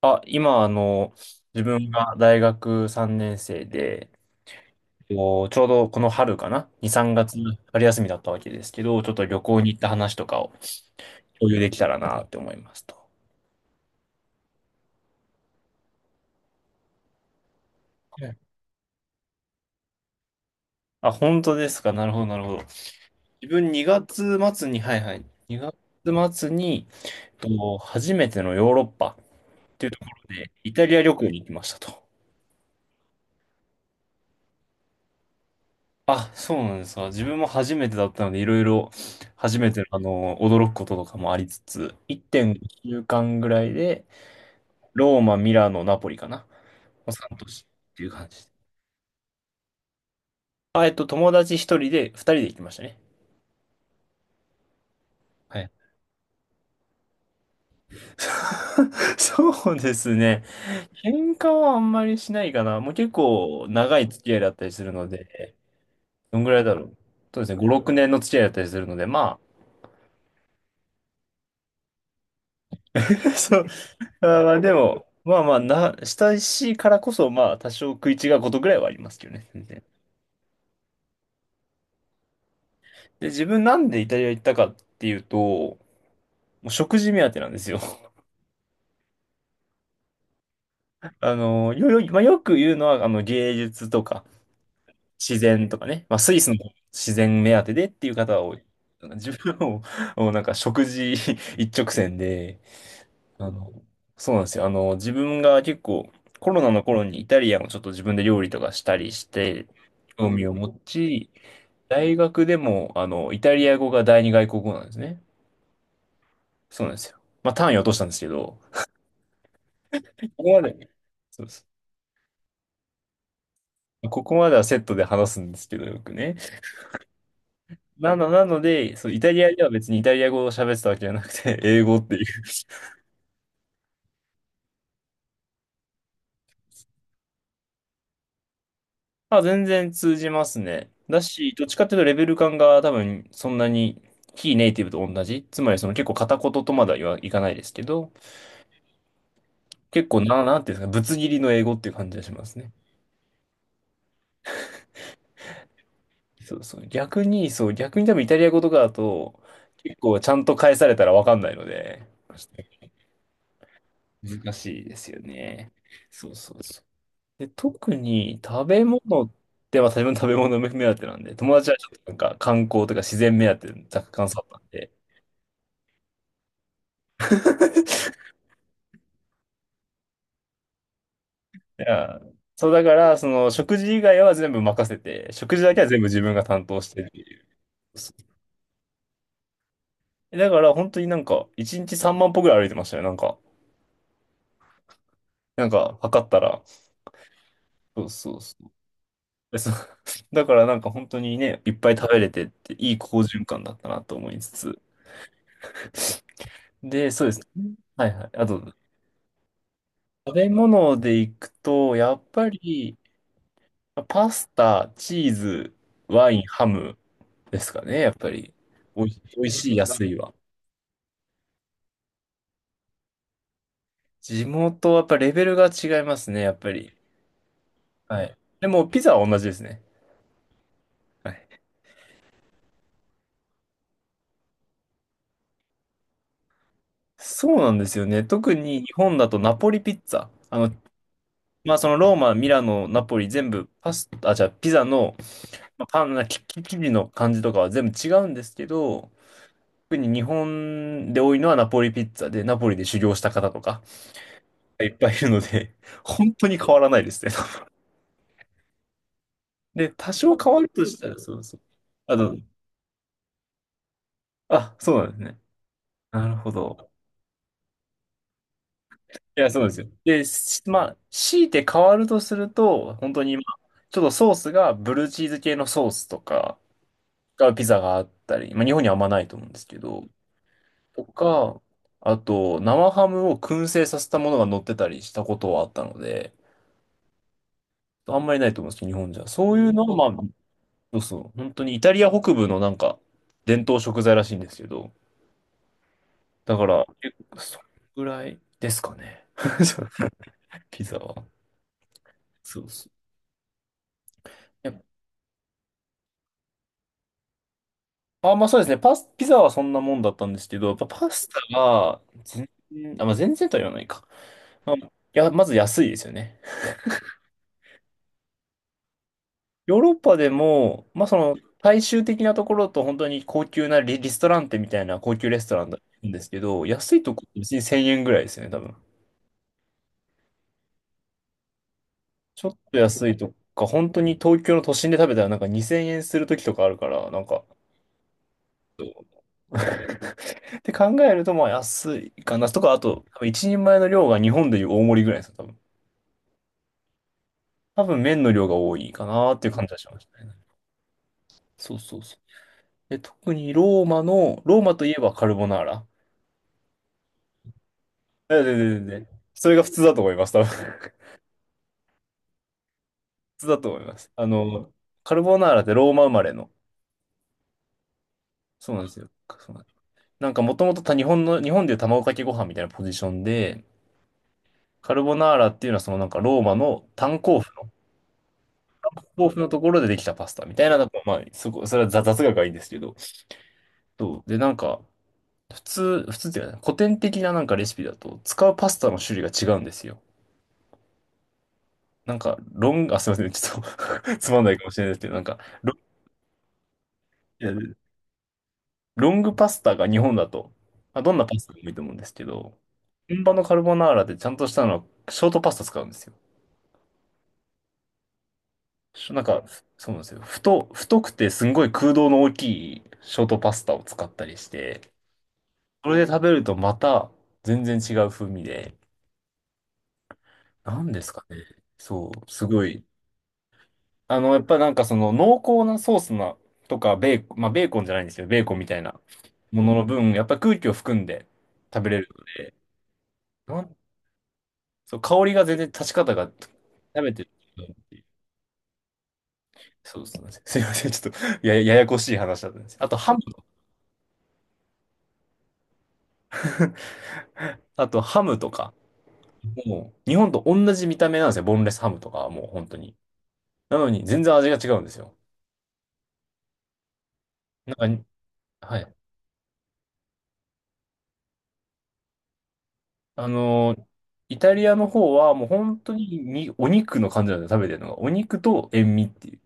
あ、今、あの、自分が大学3年生で、ちょうどこの春かな？ 2、3月春休みだったわけですけど、ちょっと旅行に行った話とかを共有できたらなって思いますと。はい、あ、本当ですか。なるほど、なるほど。自分2月末に、はいはい、2月末に、初めてのヨーロッパっていうところで、イタリア旅行に行きましたと。あ、そうなんですか。自分も初めてだったので、いろいろ初めての、驚くこととかもありつつ、1 9週間ぐらいで、ローマ、ミラノ、ナポリかな、の3都市っていう感じで。友達1人で、2人で行きましたね。はい。そうですね。喧嘩はあんまりしないかな。もう結構長い付き合いだったりするので、どんぐらいだろう。そうですね、5、6年の付き合いだったりするので、まあ。そう。まあーまあでも、まあまあな、親しいからこそ、まあ多少食い違うことぐらいはありますけどね、全然。で、自分なんでイタリア行ったかっていうと、もう食事目当てなんですよ。あの、よ、よ、まあ、よく言うのは、芸術とか、自然とかね、まあスイスの自然目当てでっていう方は多い。自分はもう、もうなんか食事 一直線で、あの、そうなんですよ。あの、自分が結構コロナの頃にイタリアンをちょっと自分で料理とかしたりして、興味を持ち、大学でも、イタリア語が第二外国語なんですね。そうなんですよ。まあ、単位は落としたんですけど、ここまで、そうです、ここまではセットで話すんですけど、よくね。なので、そう、イタリアでは別にイタリア語を喋ってたわけじゃなくて、英語っていう。あ、全然通じますね。だし、どっちかっていうとレベル感が多分そんなに非ネイティブと同じ。つまりその結構片言とまだは言わいかないですけど、結構な、なんていうんですか、ぶつ切りの英語っていう感じがしますね。そうそう。逆に、そう、逆に多分イタリア語とかだと、結構ちゃんと返されたらわかんないので、難しいですよね。そうそうそう。で、特に食べ物って、まあ自分食べ物目当てなんで、友達はちょっとなんか観光とか自然目当て、若干さったんで。いや、そうだから、その食事以外は全部任せて、食事だけは全部自分が担当してる。だから本当になんか、1日3万歩ぐらい歩いてましたよ、なんか。なんか、測ったら、そうそうそう。でそう だからなんか本当にね、いっぱい食べれてって、いい好循環だったなと思いつつ。で、そうですね。はいはい。あと、食べ物でいくと、やっぱり、パスタ、チーズ、ワイン、ハムですかね、やっぱり。おい、おいしい、安いは。地元はやっぱレベルが違いますね、やっぱり。はい。でも、ピザは同じですね。はい。そうなんですよね。特に日本だとナポリピッツァ。まあ、そのローマ、ミラノ、ナポリ全部パスタ、あ、じゃあピザの、まあ、パンな、き生地の感じとかは全部違うんですけど、特に日本で多いのはナポリピッツァで、ナポリで修行した方とかいっぱいいるので、本当に変わらないですね。で、多少変わるとしたら、そうそう。あと、あ、そうなんですね。なるほど。いや、そうですよ。で、しまあ、強いて変わるとすると、本当に、まあ、ちょっとソースがブルーチーズ系のソースとかがピザがあったり、まあ、日本にはあんまないと思うんですけど、とか、あと、生ハムを燻製させたものが乗ってたりしたことはあったので、あんまりないと思うんですけど、日本じゃ。そういうのは、まあ、そうそう、本当にイタリア北部のなんか、伝統食材らしいんですけど、だから、結構それぐらいですかね。ピザは。そうそう。あ、まあそうですね。パス、ピザはそんなもんだったんですけど、やっぱパスタが全然、あ、まあ全然とは言わないか。まあ、いや、まず安いですよね。ヨーロッパでも、まあその、大衆的なところと本当に高級なリストランテみたいな高級レストランなんですけど、安いとこっ別に1000円ぐらいですよね、多分。ちょっと安いとか、本当に東京の都心で食べたらなんか2000円するときとかあるから、なんか、そう って考えると、まあ安いかなとか、あと、多分一人前の量が日本でいう大盛りぐらいですよ、多分。多分麺の量が多いかなっていう感じはしましたね。そうそうそう。で、特にローマの、ローマといえばカルボナーラ。え、で、で、で、で、それが普通だと思います、多分。普通だと思います。あの、カルボナーラってローマ生まれの。そうなんですよ。そうなんです、なんかもともと日本の、日本でいう卵かけご飯みたいなポジションで、カルボナーラっていうのはそのなんかローマの炭鉱夫の、鉱夫のところでできたパスタみたいな、まあ、そこ、それは雑雑学がいいんですけど、そう。で、なんか、普通っていうかね、古典的ななんかレシピだと、使うパスタの種類が違うんですよ。なんか、ロング、あ、すいません、ちょっと つまんないかもしれないですけど、なんか、ロン、いやロングパスタが日本だと、まあ、どんなパスタでもいいと思うんですけど、本場のカルボナーラでちゃんとしたのは、ショートパスタ使うんですよ。しなんか、そうなんですよ。太くてすんごい空洞の大きいショートパスタを使ったりして、それで食べるとまた全然違う風味で、なんですかね。そう、すごい。あの、やっぱなんかその濃厚なソースなとかベーコン、まあベーコンじゃないんですよ。ベーコンみたいなものの分、やっぱ空気を含んで食べれるので、なんそう、香りが全然立ち方が食べてるい、そうですね。すいません。ちょっとややこしい話だったんです。あとハムとか。あとハムとか。もう日本と同じ見た目なんですよ。ボンレスハムとかはもう本当に。なのに全然味が違うんですよ。なんか、はい。あの、イタリアの方はもう本当ににお肉の感じなんですよね、食べてるのが。お肉と塩味っていう。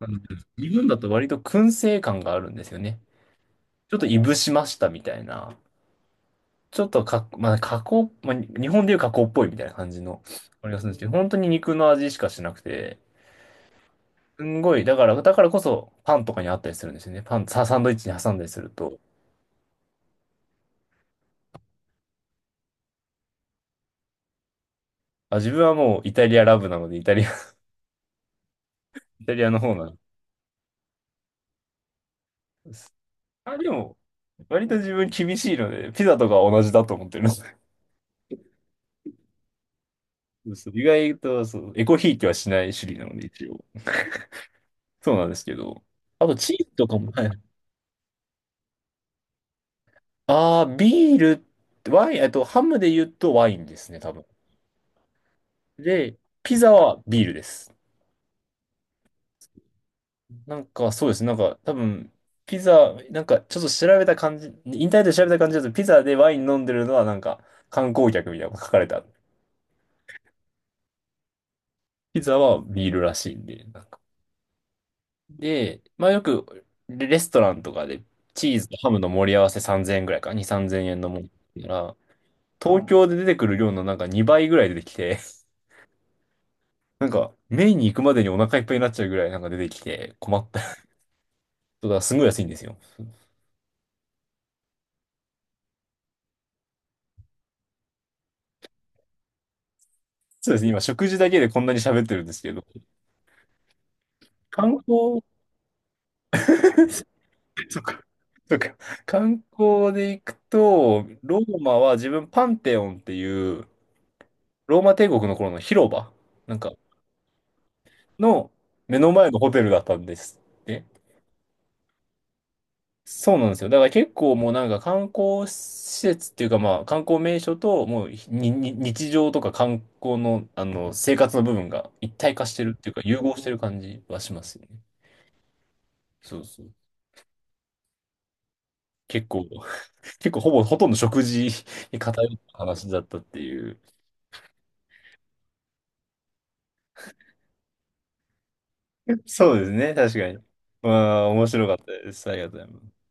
なので日本だと割と燻製感があるんですよね。ちょっといぶしましたみたいな。ちょっとか、まあ、加工、まあ、日本でいう加工っぽいみたいな感じの、あれがするんですけど、本当に肉の味しかしなくて、すんごい、だから、だからこそパンとかにあったりするんですよね。パン、ササンドイッチに挟んだりすると。あ、自分はもうイタリアラブなので、イタリア、イタリアの方なんです。あ、でも、割と自分厳しいので、ピザとかは同じだと思ってるんです。そうそう意外と、そう、エコひいきはしない種類なので、一応。そうなんですけど。あと、チーズとかも、はい。あー、ビール、ワイン、えっと、ハムで言うとワインですね、多分。で、ピザはビールです。なんか、そうですね。なんか、多分、ピザ、なんか、ちょっと調べた感じ、インターネットで調べた感じだと、ピザでワイン飲んでるのは、なんか、観光客みたいなのが書かれた。ピザはビールらしいんで。なんかで、まあよくレストランとかでチーズとハムの盛り合わせ3000円ぐらいか、2、3 0円のものなら、東京で出てくる量のなんか2倍ぐらい出てきて、なんかメインに行くまでにお腹いっぱいになっちゃうぐらいなんか出てきて困った。そうだからすごい安いんですよ。そうですね、今食事だけでこんなに喋ってるんですけど、観光、そっか、そっか、観光で行くと、ローマは自分パンテオンっていうローマ帝国の頃の広場、なんかの目の前のホテルだったんですって。そうなんですよ。だから結構もうなんか観光施設っていうかまあ観光名所ともうにに日常とか観光のあの生活の部分が一体化してるっていうか融合してる感じはしますよね。そうそう。結構、結構ほぼほとんど食事に偏った話だったっていう。そうですね。確かに。まあ面白かったです。ありがとうございます。